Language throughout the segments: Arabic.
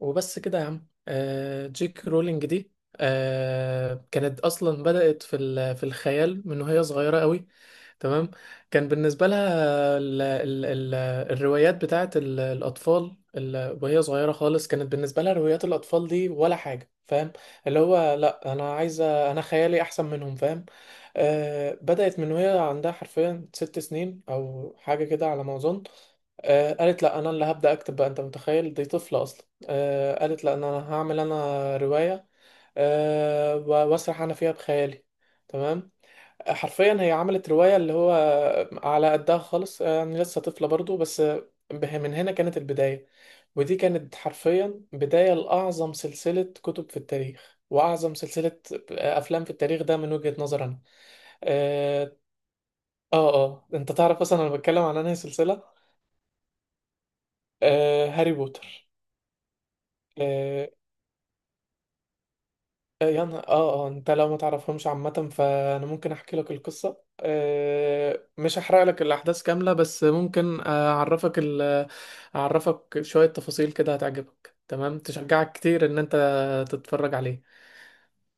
وبس كده يا عم جيك رولينج دي كانت اصلا بدأت في الخيال من وهي صغيرة قوي. تمام. كان بالنسبة لها ال ال ال الروايات بتاعت الأطفال وهي صغيرة خالص، كانت بالنسبة لها روايات الأطفال دي ولا حاجة، فاهم؟ اللي هو لا، أنا عايزة، خيالي أحسن منهم، فاهم؟ آه، بدأت من وهي عندها حرفيا ست سنين أو حاجة كده على ما أظن. آه، قالت لا، أنا اللي هبدأ أكتب بقى، أنت متخيل؟ دي طفلة أصلا. آه، قالت لأن أنا هعمل رواية. آه، وأسرح أنا فيها بخيالي. تمام. حرفيا هي عملت رواية اللي هو على قدها خالص. أنا لسه طفلة برضو بس، من هنا كانت البداية. ودي كانت حرفيا بداية لأعظم سلسلة كتب في التاريخ، وأعظم سلسلة أفلام في التاريخ، ده من وجهة نظري أنا. آه. أنت تعرف أصلا أنا بتكلم عن أنهي سلسلة؟ آه، هاري بوتر. آه. يا نهار. اه انت لو ما تعرفهمش عامة، فانا ممكن احكي لك القصة. مش هحرق لك الاحداث كاملة بس ممكن اعرفك اعرفك شوية تفاصيل كده، هتعجبك، تمام، تشجعك كتير ان انت تتفرج عليه.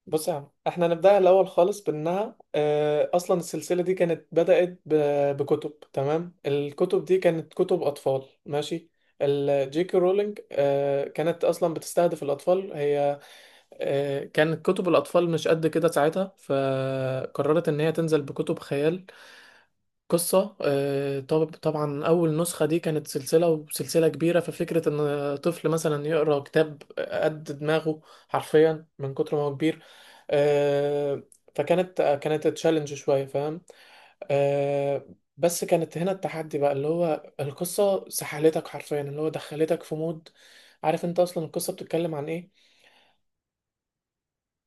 بص يا عم، احنا نبدأها الاول خالص بانها اصلا السلسلة دي كانت بدأت بكتب. تمام، الكتب دي كانت كتب اطفال، ماشي. الجي كي رولينج كانت اصلا بتستهدف الاطفال هي. كانت كتب الأطفال مش قد كده ساعتها، فقررت إن هي تنزل بكتب خيال، قصة. طبعا أول نسخة دي كانت سلسلة، وسلسلة كبيرة، ففكرة إن طفل مثلا يقرأ كتاب قد دماغه حرفيا من كتر ما هو كبير، آه، فكانت كانت تشالنج شوية، فاهم؟ آه، بس كانت هنا التحدي بقى، اللي هو القصة سحلتك حرفيا، اللي هو دخلتك في مود. عارف انت اصلا القصة بتتكلم عن ايه؟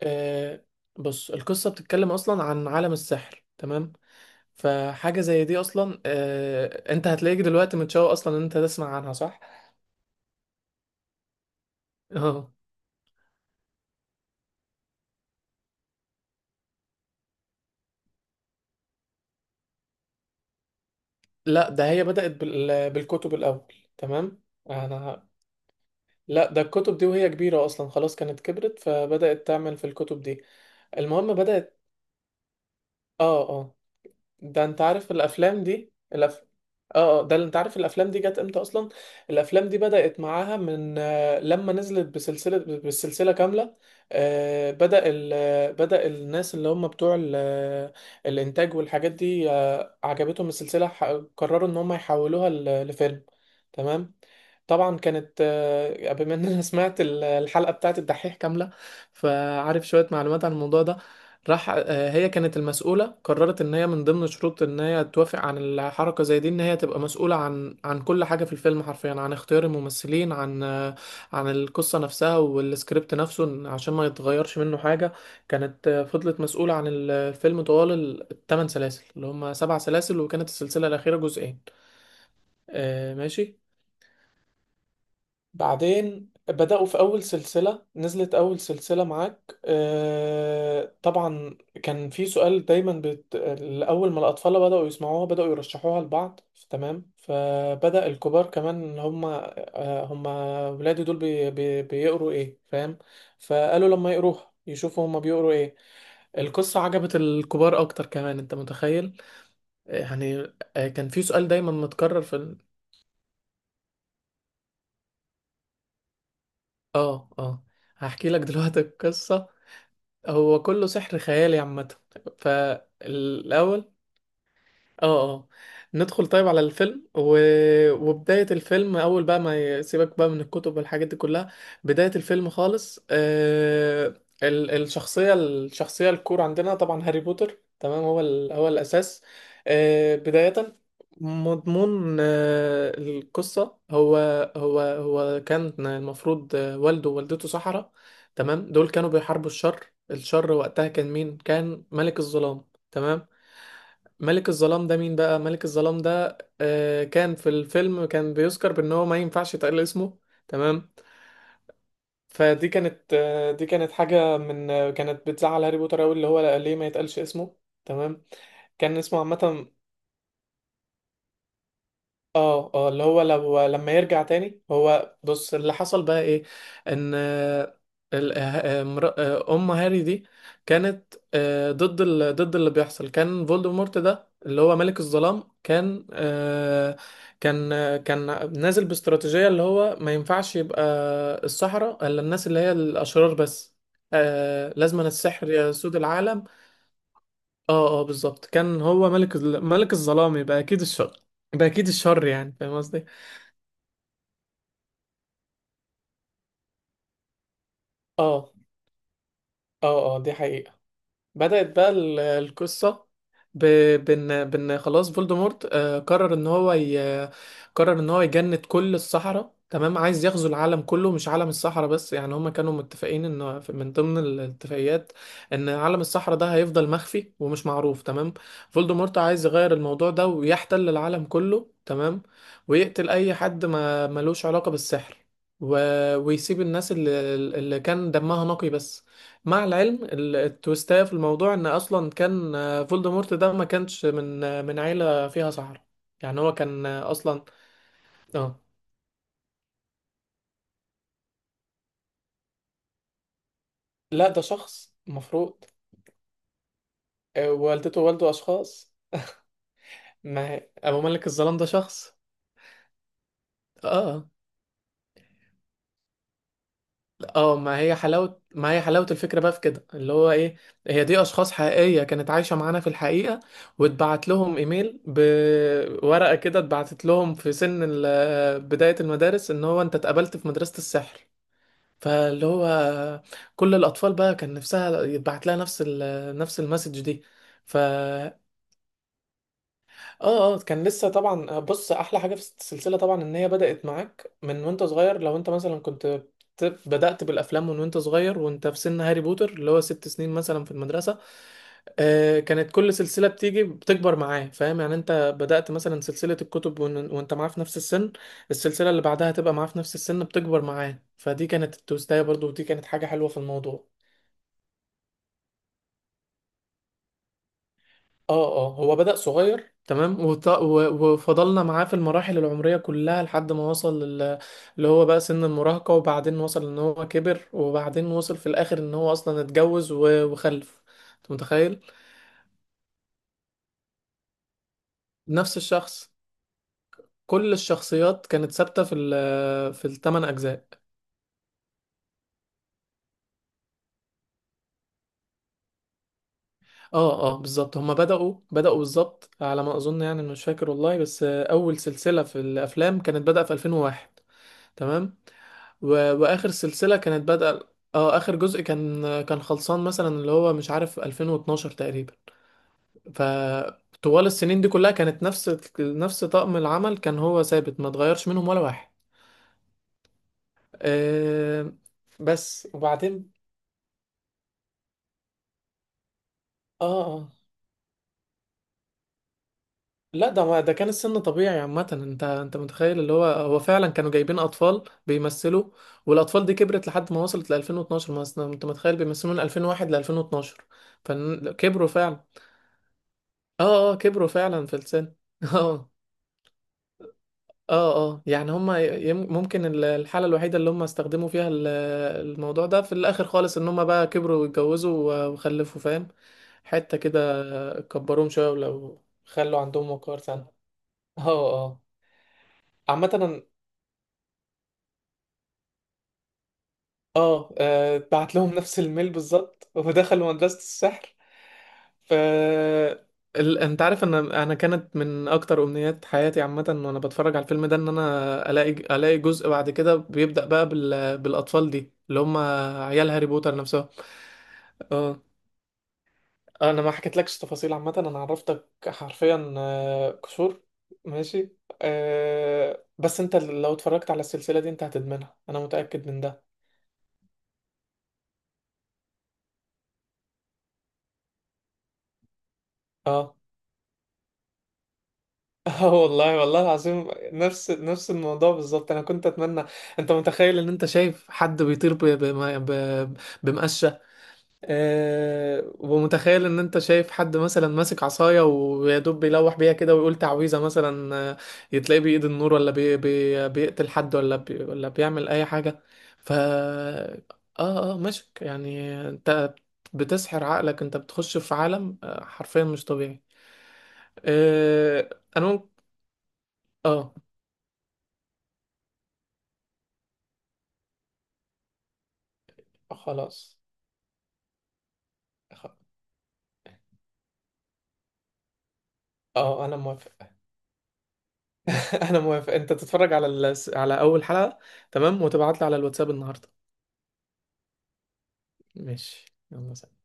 آه. بص، القصة بتتكلم أصلا عن عالم السحر، تمام. فحاجة زي دي أصلا، آه، أنت هتلاقيك دلوقتي متشوق أصلا إن أنت تسمع عنها، صح؟ اه. لا، ده هي بدأت بالكتب الأول. تمام. أنا. لا، ده الكتب دي وهي كبيرة أصلا، خلاص كانت كبرت فبدأت تعمل في الكتب دي. المهم بدأت. اه اه ده انت عارف الافلام دي الأف... اه اه ده اللي انت عارف الافلام دي جت امتى اصلا؟ الافلام دي بدأت معاها من لما نزلت بالسلسلة كاملة. بدأ ال... آه، بدأ الناس اللي هم بتوع ال... آه، الانتاج والحاجات دي، عجبتهم السلسلة، قرروا ان هم يحولوها لفيلم. تمام. طبعا كانت، بما ان انا سمعت الحلقة بتاعت الدحيح كاملة، فعارف شوية معلومات عن الموضوع ده. راح، هي كانت المسؤولة، قررت ان هي من ضمن شروط ان هي توافق عن الحركة زي دي ان هي تبقى مسؤولة عن كل حاجة في الفيلم حرفيا، عن اختيار الممثلين، عن عن القصة نفسها والسكريبت نفسه، عشان ما يتغيرش منه حاجة. كانت فضلت مسؤولة عن الفيلم طوال الثمان سلاسل، اللي هم سبع سلاسل، وكانت السلسلة الأخيرة جزئين. ماشي. بعدين بدأوا في أول سلسلة نزلت، أول سلسلة معاك. طبعا كان في سؤال دايما أول ما الأطفال بدأوا يسمعوها بدأوا يرشحوها لبعض، تمام. فبدأ الكبار كمان إن هما، هما ولادي دول بيقروا إيه، فاهم؟ فقالوا لما يقروها يشوفوا هما بيقروا إيه. القصة عجبت الكبار أكتر كمان، أنت متخيل؟ يعني، كان في سؤال دايما متكرر في ال... آه آه هحكي لك دلوقتي القصة. هو كله سحر خيالي عامة. فالأول. اه. اه. ندخل طيب على الفيلم وبداية الفيلم، أول بقى ما يسيبك بقى من الكتب والحاجات دي كلها. بداية الفيلم خالص الشخصية الكور عندنا طبعا هاري بوتر، تمام، هو هو الأساس. بداية مضمون القصة، هو كان المفروض والده ووالدته سحرة، تمام. دول كانوا بيحاربوا الشر. وقتها كان مين؟ كان ملك الظلام. تمام. ملك الظلام ده مين بقى؟ ملك الظلام ده آه، كان في الفيلم كان بيذكر بان هو ما ينفعش يتقال اسمه، تمام. فدي كانت آه دي كانت حاجة من آه، كانت بتزعل هاري بوتر قوي، اللي هو ليه ما يتقالش اسمه، تمام. كان اسمه عامة. اه اللي هو لما يرجع تاني. هو بص، اللي حصل بقى ايه، ان ام هاري دي كانت ضد ضد اللي بيحصل. كان فولدمورت ده اللي هو ملك الظلام، كان كان نازل باستراتيجية اللي هو ما ينفعش يبقى السحرة الا الناس اللي هي الاشرار بس، لازم السحر يسود العالم. اه بالظبط، كان هو ملك ملك الظلام يبقى اكيد الشر، يعني فاهم قصدي؟ اه. اه دي حقيقة. بدأت بقى القصة ب... بن... بن خلاص. فولدمورت آه، قرر ان هو قرر ان هو يجند كل الصحراء. تمام، عايز يغزو العالم كله، مش عالم الصحراء بس، يعني هما كانوا متفقين ان من ضمن الاتفاقيات ان عالم الصحراء ده هيفضل مخفي ومش معروف، تمام. فولدمورت عايز يغير الموضوع ده ويحتل العالم كله، تمام. ويقتل اي حد ما ملوش علاقة بالسحر، و... ويسيب الناس اللي كان دمها نقي بس. مع العلم التويستاية في الموضوع ان اصلا كان فولدمورت ده ما كانش من من عيلة فيها سحرة، يعني هو كان اصلا. اه. لا، ده شخص مفروض. والدته ووالده اشخاص. ما هي... ابو ملك الظلام ده شخص. اه. ما هي حلاوة، الفكرة بقى في كده اللي هو ايه. هي دي اشخاص حقيقية كانت عايشة معانا في الحقيقة، واتبعت لهم ايميل بورقة كده، اتبعتت لهم في سن بداية المدارس، ان هو انت اتقبلت في مدرسة السحر. فاللي هو كل الاطفال بقى كان نفسها يتبعت لها نفس المسج دي. ف اه. كان لسه طبعا. بص، احلى حاجه في السلسله طبعا ان هي بدات معاك من وانت صغير. لو انت مثلا كنت بدات بالافلام من وانت صغير، وانت في سن هاري بوتر اللي هو ست سنين مثلا في المدرسه. آه، كانت كل سلسله بتيجي بتكبر معاه، فاهم؟ يعني انت بدات مثلا سلسله الكتب وانت معاه في نفس السن، السلسله اللي بعدها هتبقى معاه في نفس السن، بتكبر معاه. فدي كانت التوستايه برضو، ودي كانت حاجه حلوه في الموضوع. اه هو بدأ صغير، تمام، وفضلنا معاه في المراحل العمرية كلها لحد ما وصل اللي هو بقى سن المراهقة، وبعدين وصل ان هو كبر، وبعدين وصل في الاخر ان هو اصلا اتجوز وخلف، انت متخيل؟ نفس الشخص. كل الشخصيات كانت ثابتة في في الثمان اجزاء. اه بالظبط. هما بدأوا بالظبط على ما اظن، يعني مش فاكر والله، بس اول سلسلة في الافلام كانت بدأ في 2001، تمام. و... واخر سلسلة كانت بادئة، اه، اخر جزء كان خلصان مثلا اللي هو مش عارف 2012 تقريبا. فطوال السنين دي كلها كانت نفس طقم العمل كان هو ثابت، ما اتغيرش منهم ولا واحد. أه... بس وبعدين. اه اه لا، ده ما ده كان السن طبيعي عامة. انت متخيل اللي هو هو فعلا كانوا جايبين اطفال بيمثلوا، والاطفال دي كبرت لحد ما وصلت ل 2012. ما أصل انت متخيل بيمثلوا من 2001 ل 2012، فكبروا فعلا. اه كبروا فعلا في السن اه. اه يعني هما ممكن الحالة الوحيدة اللي هما استخدموا فيها الموضوع ده في الآخر خالص، ان هما بقى كبروا واتجوزوا وخلفوا، فاهم؟ حتة كده كبروهم شوية ولو خلوا عندهم وقار سنة. اه. اه. عامة اه، بعت لهم نفس الميل بالظبط ودخلوا مدرسة السحر. ف انت عارف ان انا كانت من اكتر امنيات حياتي عامة وانا بتفرج على الفيلم ده ان انا الاقي جزء بعد كده بيبدأ بقى بالاطفال دي اللي هم عيال هاري بوتر نفسهم. اه، انا ما حكيتلكش تفاصيل عامة، انا عرفتك حرفيا قشور، ماشي. أه بس انت لو اتفرجت على السلسلة دي انت هتدمنها، انا متأكد من ده. اه. اه والله، والله العظيم نفس الموضوع بالظبط، انا كنت اتمنى. انت متخيل ان انت شايف حد بيطير ب... بمقشه، ومتخيل ان انت شايف حد مثلا ماسك عصايه ويا دوب بيلوح بيها كده ويقول تعويذه مثلا، يتلاقيه بايد النور، ولا بيقتل حد، ولا ولا بيعمل اي حاجه. ف اه. اه مشك، يعني انت بتسحر عقلك، انت بتخش في عالم حرفيا مش طبيعي. أه... انا ممكن... اه خلاص. خ- اه انا موافق انا موافق، انت تتفرج على على اول حلقة، تمام، وتبعت لي على الواتساب النهاردة. ماشي، يلا سلام.